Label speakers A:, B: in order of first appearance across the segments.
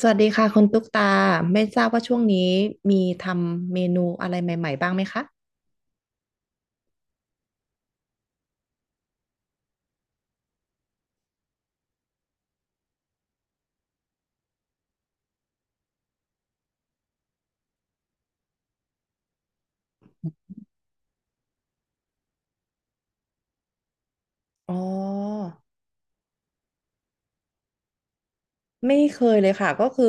A: สวัสดีค่ะคุณตุ๊กตาไม่ทราบว่าช่วงนี้มีทำเมนูอะไรใหม่ๆบ้างไหมคะอ๋อไม่เคยเลยค่ะก็คือ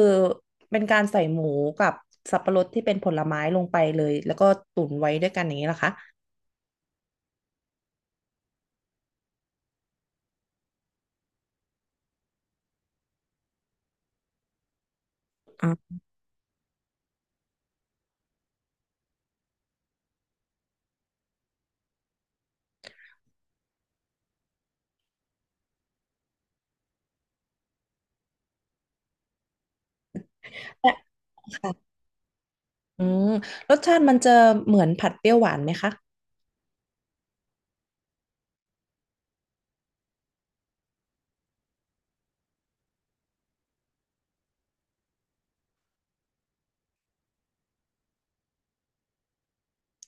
A: เป็นการใส่หมูกับสับปะรดที่เป็นผลไม้ลงไปเลยแล้วก็ตุ๋นไว้ด้วยกันอย่างนี้เหรอคะแต่ค่ะอืมรสชาติมันจะเหมือนผัดเปรี้ยวหวานไหมคะ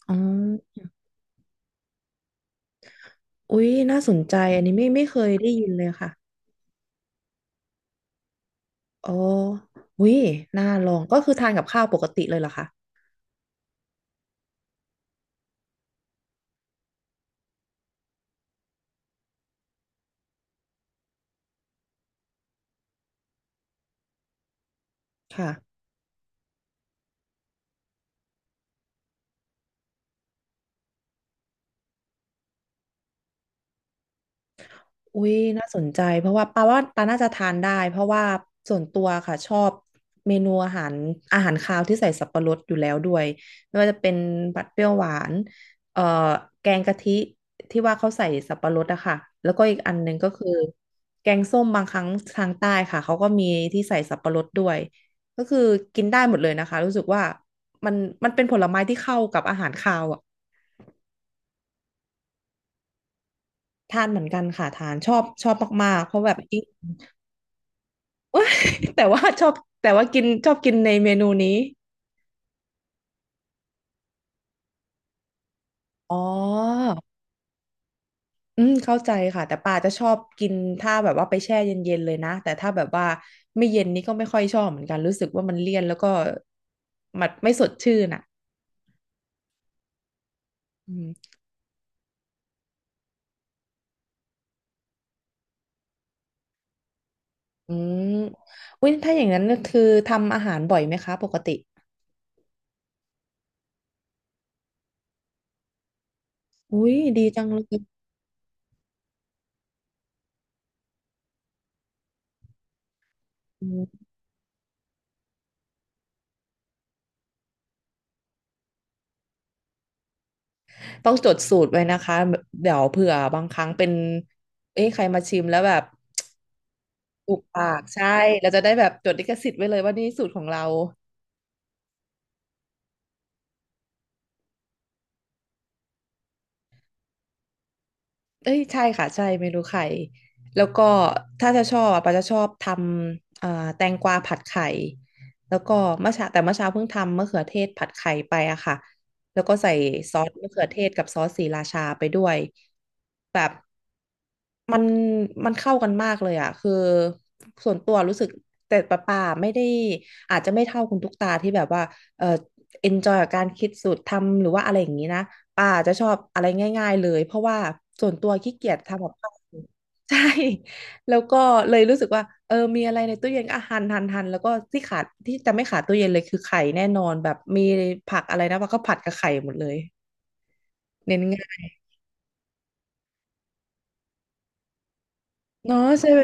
A: อ๋ออุ๊ยน่าสนใจอันนี้ไม่เคยได้ยินเลยค่ะอ๋ออุ๊ยน่าลองก็คือทานกับข้าวปกติเลยเหรอคะค่ะ อุ้ยน่าสนใจเพราะว่าปาว่าปาน่าจะทานได้เพราะว่าส่วนตัวค่ะชอบเมนูอาหารอาหารคาวที่ใส่สับปะรดอยู่แล้วด้วยไม่ว่าจะเป็นผัดเปรี้ยวหวานเอ่อแกงกะทิที่ว่าเขาใส่สับปะรดอะค่ะแล้วก็อีกอันหนึ่งก็คือแกงส้มบางครั้งทางใต้ค่ะเขาก็มีที่ใส่สับปะรดด้วยก็คือกินได้หมดเลยนะคะรู้สึกว่ามันมันเป็นผลไม้ที่เข้ากับอาหารคาวอะทานเหมือนกันค่ะทานชอบชอบมากๆเพราะแบบยิ่ง เอ้ยแต่ว่าชอบแต่ว่ากินชอบกินในเมนูนี้อ๋ออืมเข้าใจค่ะแต่ปาจะชอบกินถ้าแบบว่าไปแช่เย็นๆเลยนะแต่ถ้าแบบว่าไม่เย็นนี่ก็ไม่ค่อยชอบเหมือนกันรู้สึกว่ามันเลี่ยนแล้วก็มันไม่สดชื่นอ่ะอืมอืมอุ้ยถ้าอย่างนั้นก็คือทำอาหารบ่อยไหมคะปกติอุ้ยดีจังเลยอืมต้องจดสูตรไว้นะคะเดี๋ยวเผื่อบางครั้งเป็นเอ้ยใครมาชิมแล้วแบบ ถูกปากใช่เราจะได้แบบจดลิขสิทธิ์ไว้เลยว่านี่สูตรของเราเอ้ยใช่ค่ะใช่เมนูไข่แล้วก็ถ้าจะชอบอะปาจะชอบทำแตงกวาผัดไข่แล้วก็เมื่อเช้าแต่เมื่อเช้าเพิ่งทำมะเขือเทศผัดไข่ไปอะค่ะแล้วก็ใส่ซอสมะเขือเทศกับซอสศรีราชาไปด้วยแบบ มันมันเข้ากันมากเลยอ่ะคือส่วนตัวรู้สึกแต่ป่าไม่ได้อาจจะไม่เท่าคุณตุ๊กตาที่แบบว่าเออเอนจอยกับการคิดสูตรทำหรือว่าอะไรอย่างนี้นะป่าจะชอบอะไรง่ายๆเลยเพราะว่าส่วนตัวขี้เกียจทำกับข้าว ใช่แล้วก็เลยรู้สึกว่าเออมีอะไรในตู้เย็นก็หั่นหั่นหั่นแล้วก็ที่ขาดที่จะไม่ขาดตู้เย็นเลยคือไข่แน่นอนแบบมีผักอะไรนะว่าก็ผัดกับไข่หมดเลยเน้นง่ายเนาะใช่ไหม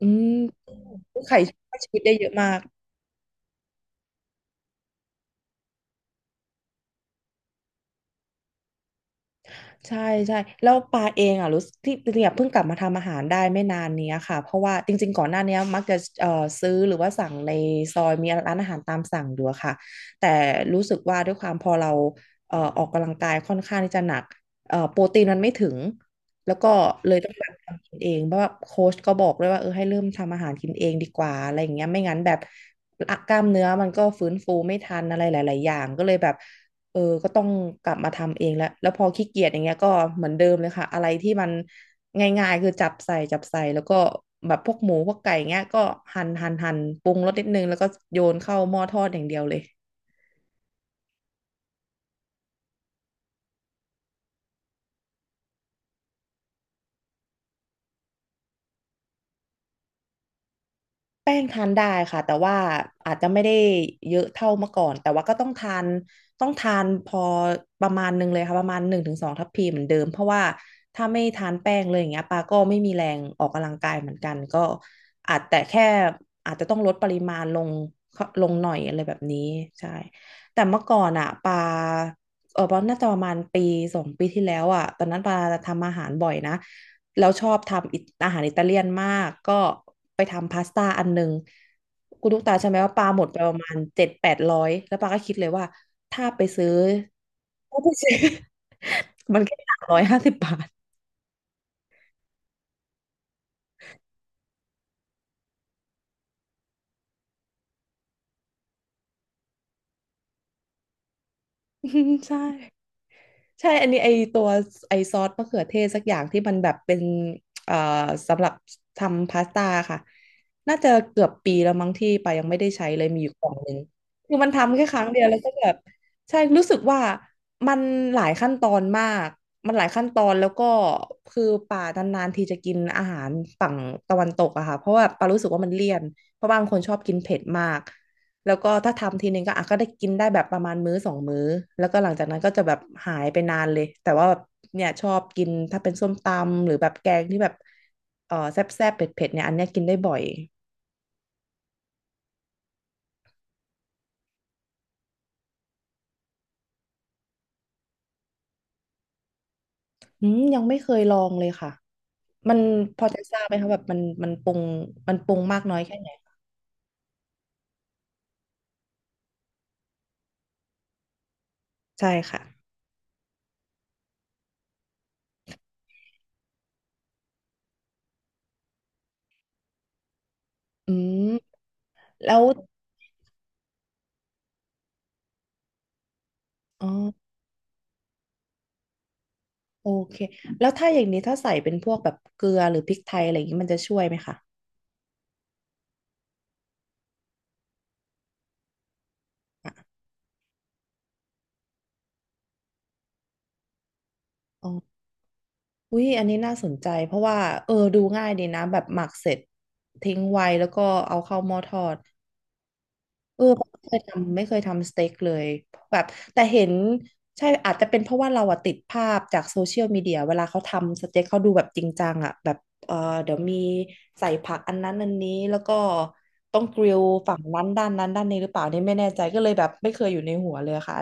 A: อืมไข่ช่วยชีวิตได้เยอะมาก ใช่ใช่แล้วปาเองอ่ะรู้สึกที่จริงๆอ่ะเพิ่งกลับมาทำอาหารได้ไม่นานเนี้ยค่ะเพราะว่าจริงๆก่อนหน้าเนี้ยมักจะซื้อหรือว่าสั่งในซอยมีร้านอาหารตามสั่งอยู่อะค่ะแต่รู้สึกว่าด้วยความพอเราออกกำลังกายค่อนข้างที่จะหนักโปรตีนมันไม่ถึงแล้วก็เลยต้องแบบทำกินเองเพราะว่าโค้ชก็บอกด้วยว่าเออให้เริ่มทำอาหารกินเองดีกว่าอะไรอย่างเงี้ยไม่งั้นแบบกล้ามเนื้อมันก็ฟื้นฟูไม่ทันอะไรหลายๆอย่างก็เลยแบบ เออก็ต้องกลับมาทำเองแล้ว แล้วพอขี้เกียจอย่างเงี้ยก็เหมือนเดิมเลยค่ะ อะไรที่มันง่ายๆคือจับใส่จับใส่แล้วก็แบบพวกหมูพวกไก่เงี้ยก็หั่นหั่นหั่นปรุงรสนิดนึงแล้วก็โยนเข้าหม้อทอดอย่างเดียวเลย แป้งทานได้ค่ะแต่ว่าอาจจะไม่ได้เยอะเท่าเมื่อก่อนแต่ว่าก็ต้องทานพอประมาณหนึ่งเลยค่ะประมาณ1 ถึง 2 ทัพพีเหมือนเดิมเพราะว่าถ้าไม่ทานแป้งเลยอย่างเงี้ยปาก็ไม่มีแรงออกกำลังกายเหมือนกันก็อาจแต่แค่อาจจะต้องลดปริมาณลงลงหน่อยอะไรแบบนี้ใช่แต่เมื่อก่อนอ่ะปาปาน่าจะประมาณปี2 ปีที่แล้วอ่ะตอนนั้นปาทำอาหารบ่อยนะ แล้วชอบทำอาหารอิตาเลียนมากก็ไปทำพาสต้าอันหนึ่งคุณลูกตาใช่ไหมว่าปลาหมดไปประมาณ700-800แล้วปลาก็คิดเลยว่าถ้าไปซื้อถ้าไปซื้อ มันแค่350 บาท ใช่ ใช่ อันนี้ไอตัวไอซอสมะเขือเทศสักอย่างที่มันแบบเป็นเอ่อสำหรับทำพาสต้าค่ะน่าจะเกือบปีแล้วมั้งที่ปายังไม่ได้ใช้เลยมีอยู่กล่องหนึ่งคือมันทำแค่ครั้งเดียวแล้วก็แบบใช่รู้สึกว่ามันหลายขั้นตอนมากมันหลายขั้นตอนแล้วก็คือป่านานๆทีจะกินอาหารฝั่งตะวันตกอะค่ะเพราะว่าปารู้สึกว่ามันเลี่ยนเพราะบางคนชอบกินเผ็ดมาก แล้วก็ถ้าทำทีนึงก็อ่ะก็ได้กินได้แบบประมาณมื้อสองมื้อแล้วก็หลังจากนั้นก็จะแบบหายไปนานเลยแต่ว่าแบบเนี่ยชอบกินถ้าเป็นส้มตำหรือแบบแกงที่แบบเออแซ่บๆเผ็ดๆเนี่ยอันเนี้ยกินได้บ่อยอืมยังไม่เคยลองเลยค่ะมันพอจะทราบไหมคะแบบมันปรุงมากน้อยแค่ไหนใช่ค่ะอืมแล้วอ๋อโอเคแล้วถ้าอย่างนี้ถ้าใส่เป็นพวกแบบเกลือหรือพริกไทยอะไรอย่างนี้มันจะช่วยไหมคะอ่ะอ๋อ อุ้ยอันนี้น่าสนใจเพราะว่าเออดูง่ายดีนะแบบหมักเสร็จทิ้งไว้แล้วก็เอาเข้าหม้อทอดเออไม่เคยทำสเต็กเลยแบบแต่เห็นใช่อาจจะเป็นเพราะว่าเราอะติดภาพจากโซเชียลมีเดียเวลาเขาทำสเต็กเขาดูแบบจริงจังอะแบบเออเดี๋ยวมีใส่ผักอันนั้นอันนี้แล้วก็ต้องกริลฝั่งนั้นด้านนั้นด้านนี้หรือเปล่านี่ไม่แน่ใจก็เลยแบบไม่เคยอยู่ในหัวเลยค่ะ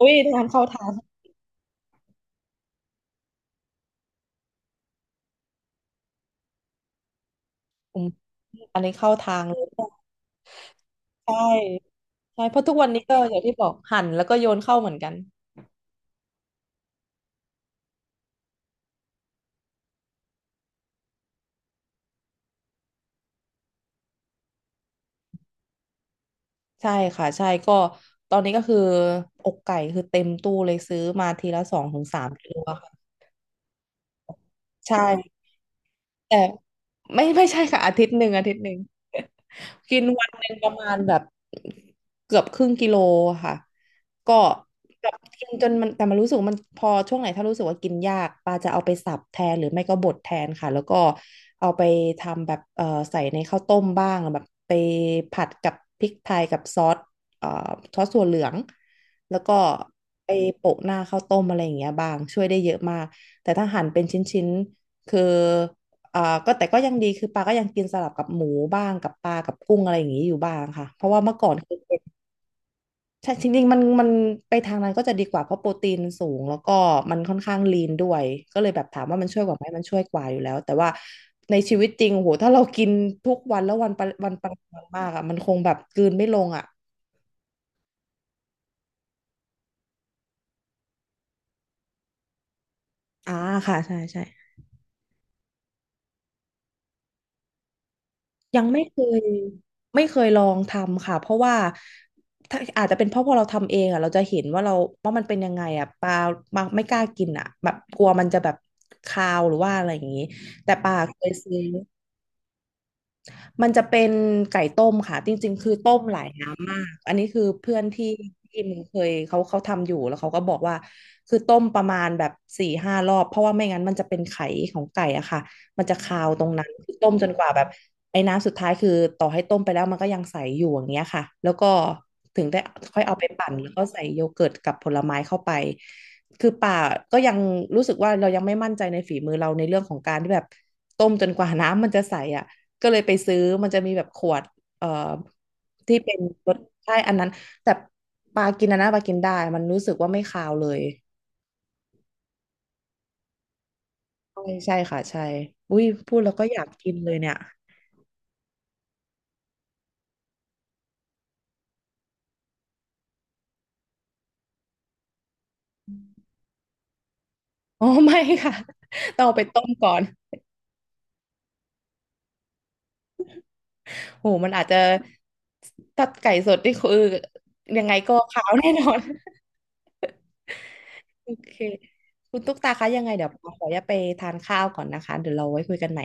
A: อุ้ยทางเข้าทางผมอันนี้เข้าทางเลยใช่ ใช่เพราะทุกวันนี้ก็อย่างที่บอกหั่นแล้วก็โยนเข้าเหมือนกันใช่ค่ะใช่ก็ตอนนี้ก็คืออกไก่คือเต็มตู้เลยซื้อมาทีละสองถึงสามกิโลอะค่ะใช่ แต่ไม่ใช่ค่ะอาทิตย์หนึ่ง กินวันหนึ่งประมาณแบบเกือบครึ่งกิโลอะค่ะก็แบบกินจนมันแต่มันรู้สึกว่ามันพอช่วงไหนถ้ารู้สึกว่ากินยากปาจะเอาไปสับแทนหรือไม่ก็บดแทนค่ะแล้วก็เอาไปทำแบบใส่ในข้าวต้มบ้างแบบไปผัดกับพริกไทยกับซอสเอ่อซอสถั่วเหลืองแล้วก็ไปโปะหน้าข้าวต้มอะไรอย่างเงี้ยบ้างช่วยได้เยอะมากแต่ถ้าหั่นเป็นชิ้นๆคือ เอ่อก็แต่ก็ยังดีคือปลาก็ยังกินสลับกับหมูบ้างกับปลากับกุ้งอะไรอย่างนี้อยู่บ้างค่ะเพราะว่าเมื่อก่อนเคยเป็นใช่จริงๆมันไปทางนั้นก็จะดีกว่าเพราะโปรตีนสูงแล้วก็มันค่อนข้างลีนด้วยก็เลยแบบถามว่ามันช่วยกว่าไหมมันช่วยกว่าอยู่แล้วแต่ว่าในชีวิตจริงโอ้โหถ้าเรากินทุกวันแล้ววันปะวันปริมาณมากอ่ะมันคงแบบกลืนไม่ลงอ่ะอ่าค่ะใช่ ยังไม่เคยลองทำค่ะเพราะว่าถ้าอาจจะเป็นเพราะพอเราทำเองอ่ะเราจะเห็นว่าเราว่ามันเป็นยังไงอ่ะปลามาไม่กล้ากินอ่ะแบบกลัวมันจะแบบคาวหรือว่าอะไรอย่างนี้แต่ปลาเคยซื้อ มันจะเป็นไก่ต้มค่ะจริงๆคือต้มหลายน้ำมากอันนี้คือเพื่อนที่ที่มึงเคยเขาทำอยู่แล้วเขาก็บอกว่าคือต้มประมาณแบบสี่ห้ารอบเพราะว่าไม่งั้นมันจะเป็นไข่ของไก่อะค่ะมันจะคาวตรงนั้นคือต้มจนกว่าแบบไอ้น้ำสุดท้ายคือต่อให้ต้มไปแล้วมันก็ยังใสอยู่อย่างเงี้ยค่ะแล้วก็ถึงได้ค่อยเอาไปปั่นแล้วก็ใส่โยเกิร์ตกับผลไม้เข้าไปคือป่าก็ยังรู้สึกว่าเรายังไม่มั่นใจในฝีมือเราในเรื่องของการที่แบบต้มจนกว่าน้ำมันจะใสอ่ะ ก็เลยไปซื้อมันจะมีแบบขวดเอ่อที่เป็นรสใช่อันนั้นแต่ปลากินอันนนปลากินได้มันรู้สึกว่าไม่คาวเลยใช่ค่ะใช่อุ้ยพูดแล้วก็อยากกินเลยเนี่ยอ๋อไม่ค่ะ ต้องเอาไปต้มก่อนโหมันอาจจะถ้าไก่สดนี่คือยังไงก็ขาวแน่นอนโอเคคุณตุ๊กตาคะยังไงเดี๋ยวขออนุญาตไปทานข้าวก่อนนะคะเดี๋ยวเราไว้คุยกันใหม่